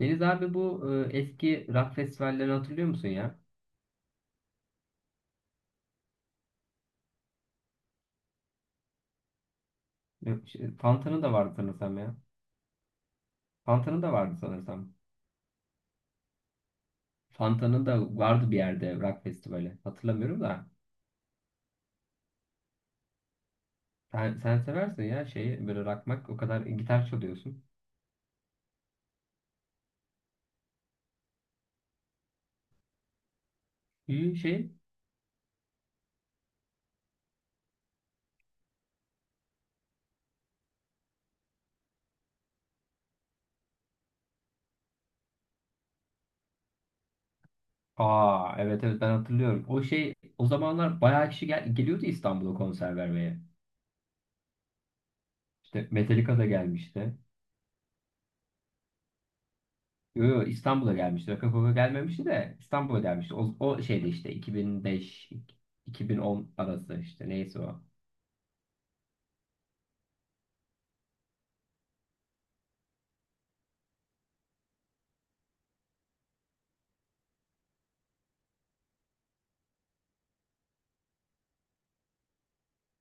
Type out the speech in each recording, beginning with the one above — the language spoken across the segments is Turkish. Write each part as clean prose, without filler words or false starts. Deniz abi bu eski rock festivallerini hatırlıyor musun ya? Yok, Fanta'nın da vardı sanırsam ya. Fanta'nın da vardı sanırsam. Fanta'nın da vardı bir yerde rock festivali. Hatırlamıyorum da. Sen seversin ya şeyi böyle rockmak o kadar gitar çalıyorsun. İyi şey. Aa, evet, evet, ben hatırlıyorum. O şey, o zamanlar bayağı kişi geliyordu İstanbul'a konser vermeye. İşte Metallica da gelmişti. Yo, yo, İstanbul'a gelmişti. Rock'n'Roll'a gelmemişti de İstanbul'a gelmişti. O şeyde işte 2005 2010 arası işte neyse o.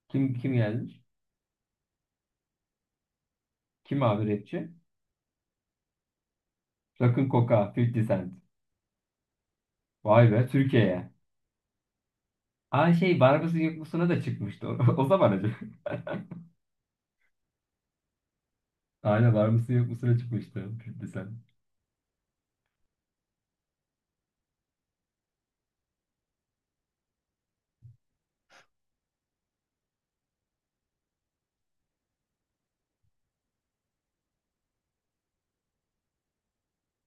Kim kim gelmiş? Kim abi rapçi? Rock'n Coca, 50 Cent. Vay be Türkiye'ye. Aa şey, Var mısın Yok musuna da çıkmıştı o, o zaman acaba. Aynen, Var mısın Yok musuna çıkmıştı 50 Cent.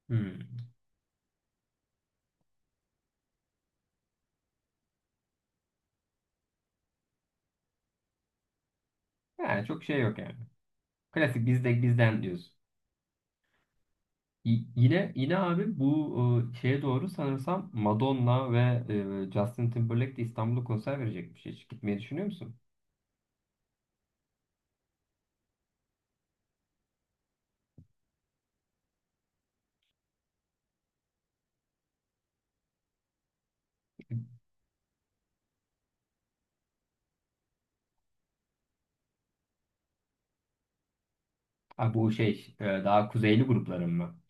Hmm. Yani çok şey yok yani. Klasik bizde bizden diyorsun. Yine abi bu şeye doğru sanırsam Madonna ve Justin Timberlake de İstanbul'da konser verecekmiş. Hiç gitmeyi düşünüyor musun? Ha, bu şey daha kuzeyli grupların mı?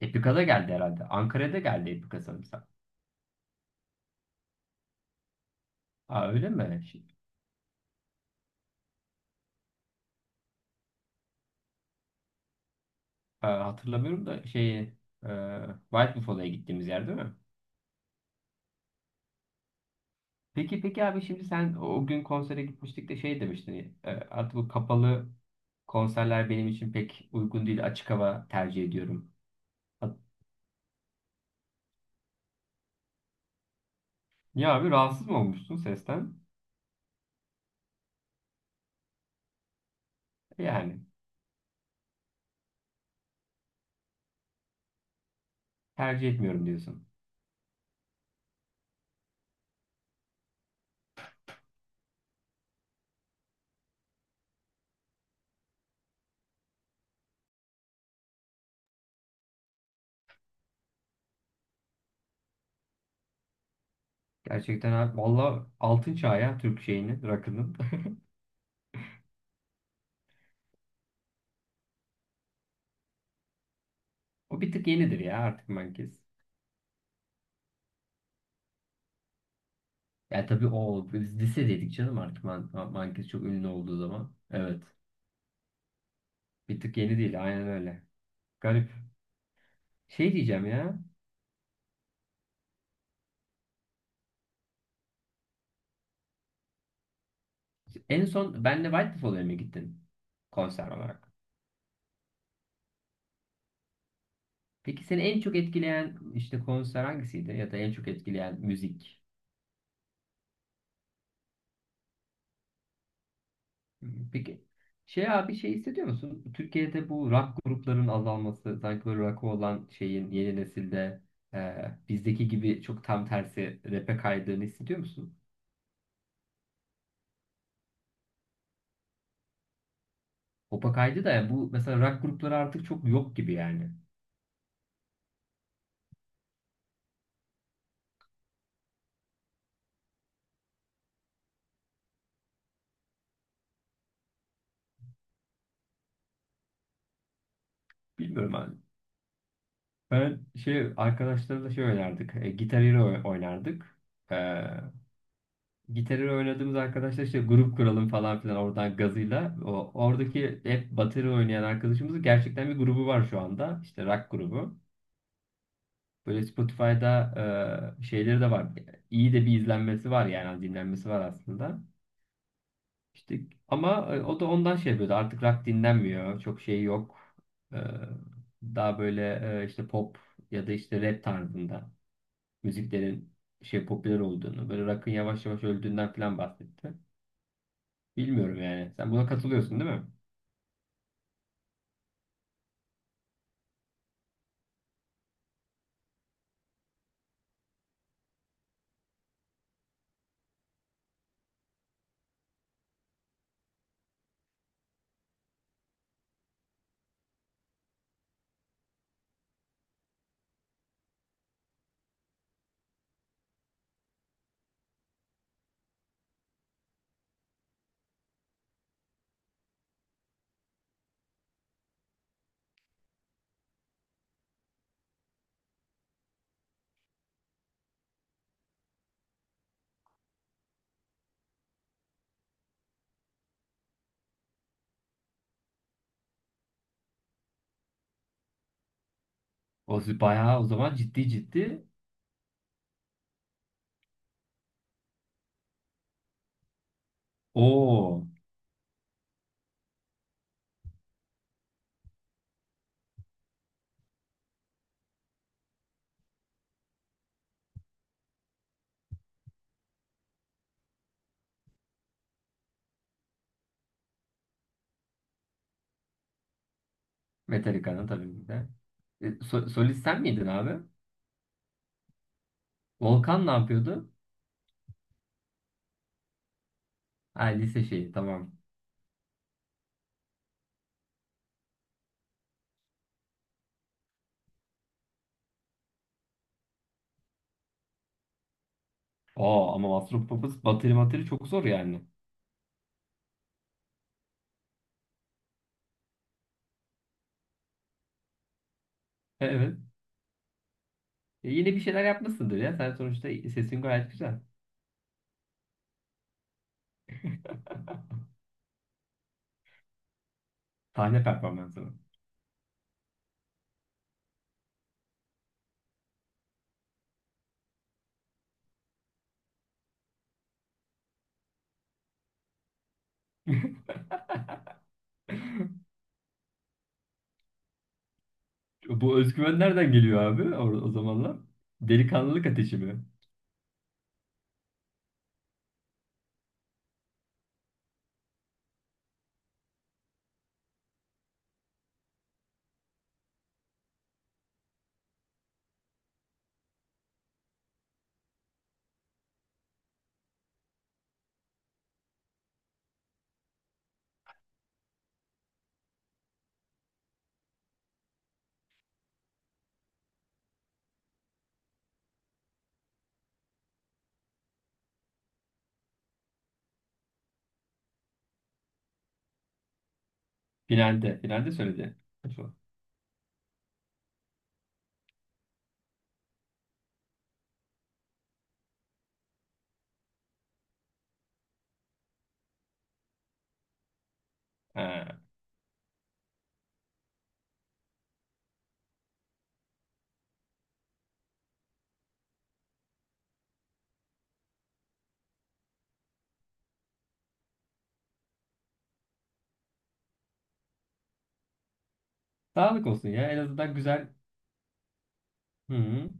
Epica'da geldi herhalde. Ankara'da geldi Epica sanırsam. Ha, öyle mi? Şey- hatırlamıyorum da şeyi e, White Buffalo'ya gittiğimiz yer değil mi? Peki peki abi, şimdi sen o gün konsere gitmiştik de şey demiştin. Artık bu kapalı konserler benim için pek uygun değil. Açık hava tercih ediyorum. Ya abi, rahatsız mı olmuşsun sesten? Yani tercih etmiyorum diyorsun. Gerçekten abi, valla altın çağı ya Türk şeyinin rakının. O bir tık yenidir ya artık Mankes. Ya tabii o biz lisedeydik canım, artık Man Mankes çok ünlü olduğu zaman. Evet. Bir tık yeni değil, aynen öyle. Garip. Şey diyeceğim ya. En son benle White Buffalo'ya mı gittin konser olarak? Peki seni en çok etkileyen işte konser hangisiydi, ya da en çok etkileyen müzik? Peki şey abi, şey hissediyor musun? Türkiye'de bu rock grupların azalması, sanki böyle rock'ı olan şeyin yeni nesilde bizdeki gibi çok tam tersi rap'e kaydığını hissediyor musun? Pop'a kaydı da, yani bu mesela rock grupları artık çok yok gibi yani. Bilmiyorum abi. Ben şey arkadaşlarla şey oynardık. E, Guitar Hero oynardık. E, Gitarı oynadığımız arkadaşlar işte grup kuralım falan filan, oradan gazıyla. O, oradaki hep bateri oynayan arkadaşımızın gerçekten bir grubu var şu anda. İşte rock grubu. Böyle Spotify'da şeyleri de var. İyi de bir izlenmesi var, yani dinlenmesi var aslında. İşte ama o da ondan şey yapıyordu. Artık rock dinlenmiyor. Çok şey yok. E, Daha böyle işte pop ya da işte rap tarzında müziklerin şey popüler olduğunu, böyle rock'ın yavaş yavaş öldüğünden falan bahsetti. Bilmiyorum yani. Sen buna katılıyorsun değil mi? O z- bayağı o zaman ciddi ciddi o Metallica'nın, tabii ki de. Solist sen miydin abi? Volkan ne yapıyordu? Ha, lise şeyi tamam. Oo ama Master of Puppets bateri materi çok zor yani. Evet. Yine bir şeyler yapmışsındır ya. Sen sonuçta sesin gayet güzel. Sahne performansı mı? Bu özgüven nereden geliyor abi o zamanlar? Delikanlılık ateşi mi? Finalde. Finalde söyledi. Kaç o? Ha. Sağlık olsun ya. En azından güzel. Hı-hı.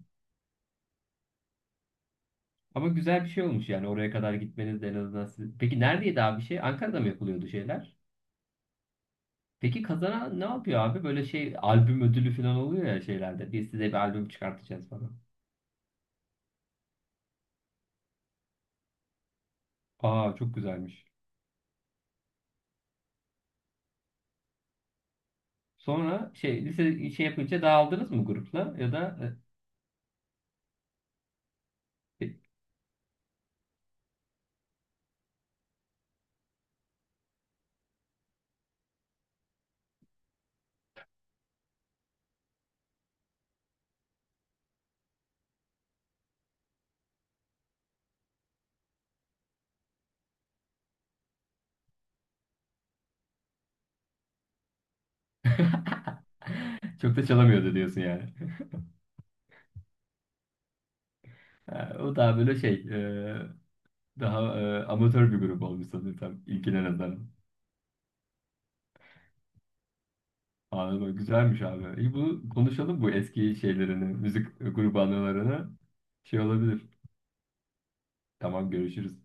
Ama güzel bir şey olmuş yani, oraya kadar gitmeniz de en azından. Siz- Peki neredeydi abi şey? Ankara'da mı yapılıyordu şeyler? Peki kazanan ne yapıyor abi? Böyle şey albüm ödülü falan oluyor ya şeylerde. Biz size bir albüm çıkartacağız falan. Aa çok güzelmiş. Sonra şey lise şey yapınca dağıldınız mı grupla, ya da çok da çalamıyordu diyorsun yani. Ha, o daha böyle şey daha amatör bir grup olmuş sanırım tam ilkine nazaran. Anladım. Güzelmiş abi. İyi bu konuşalım bu eski şeylerini, müzik grubu anılarını. Şey olabilir. Tamam, görüşürüz.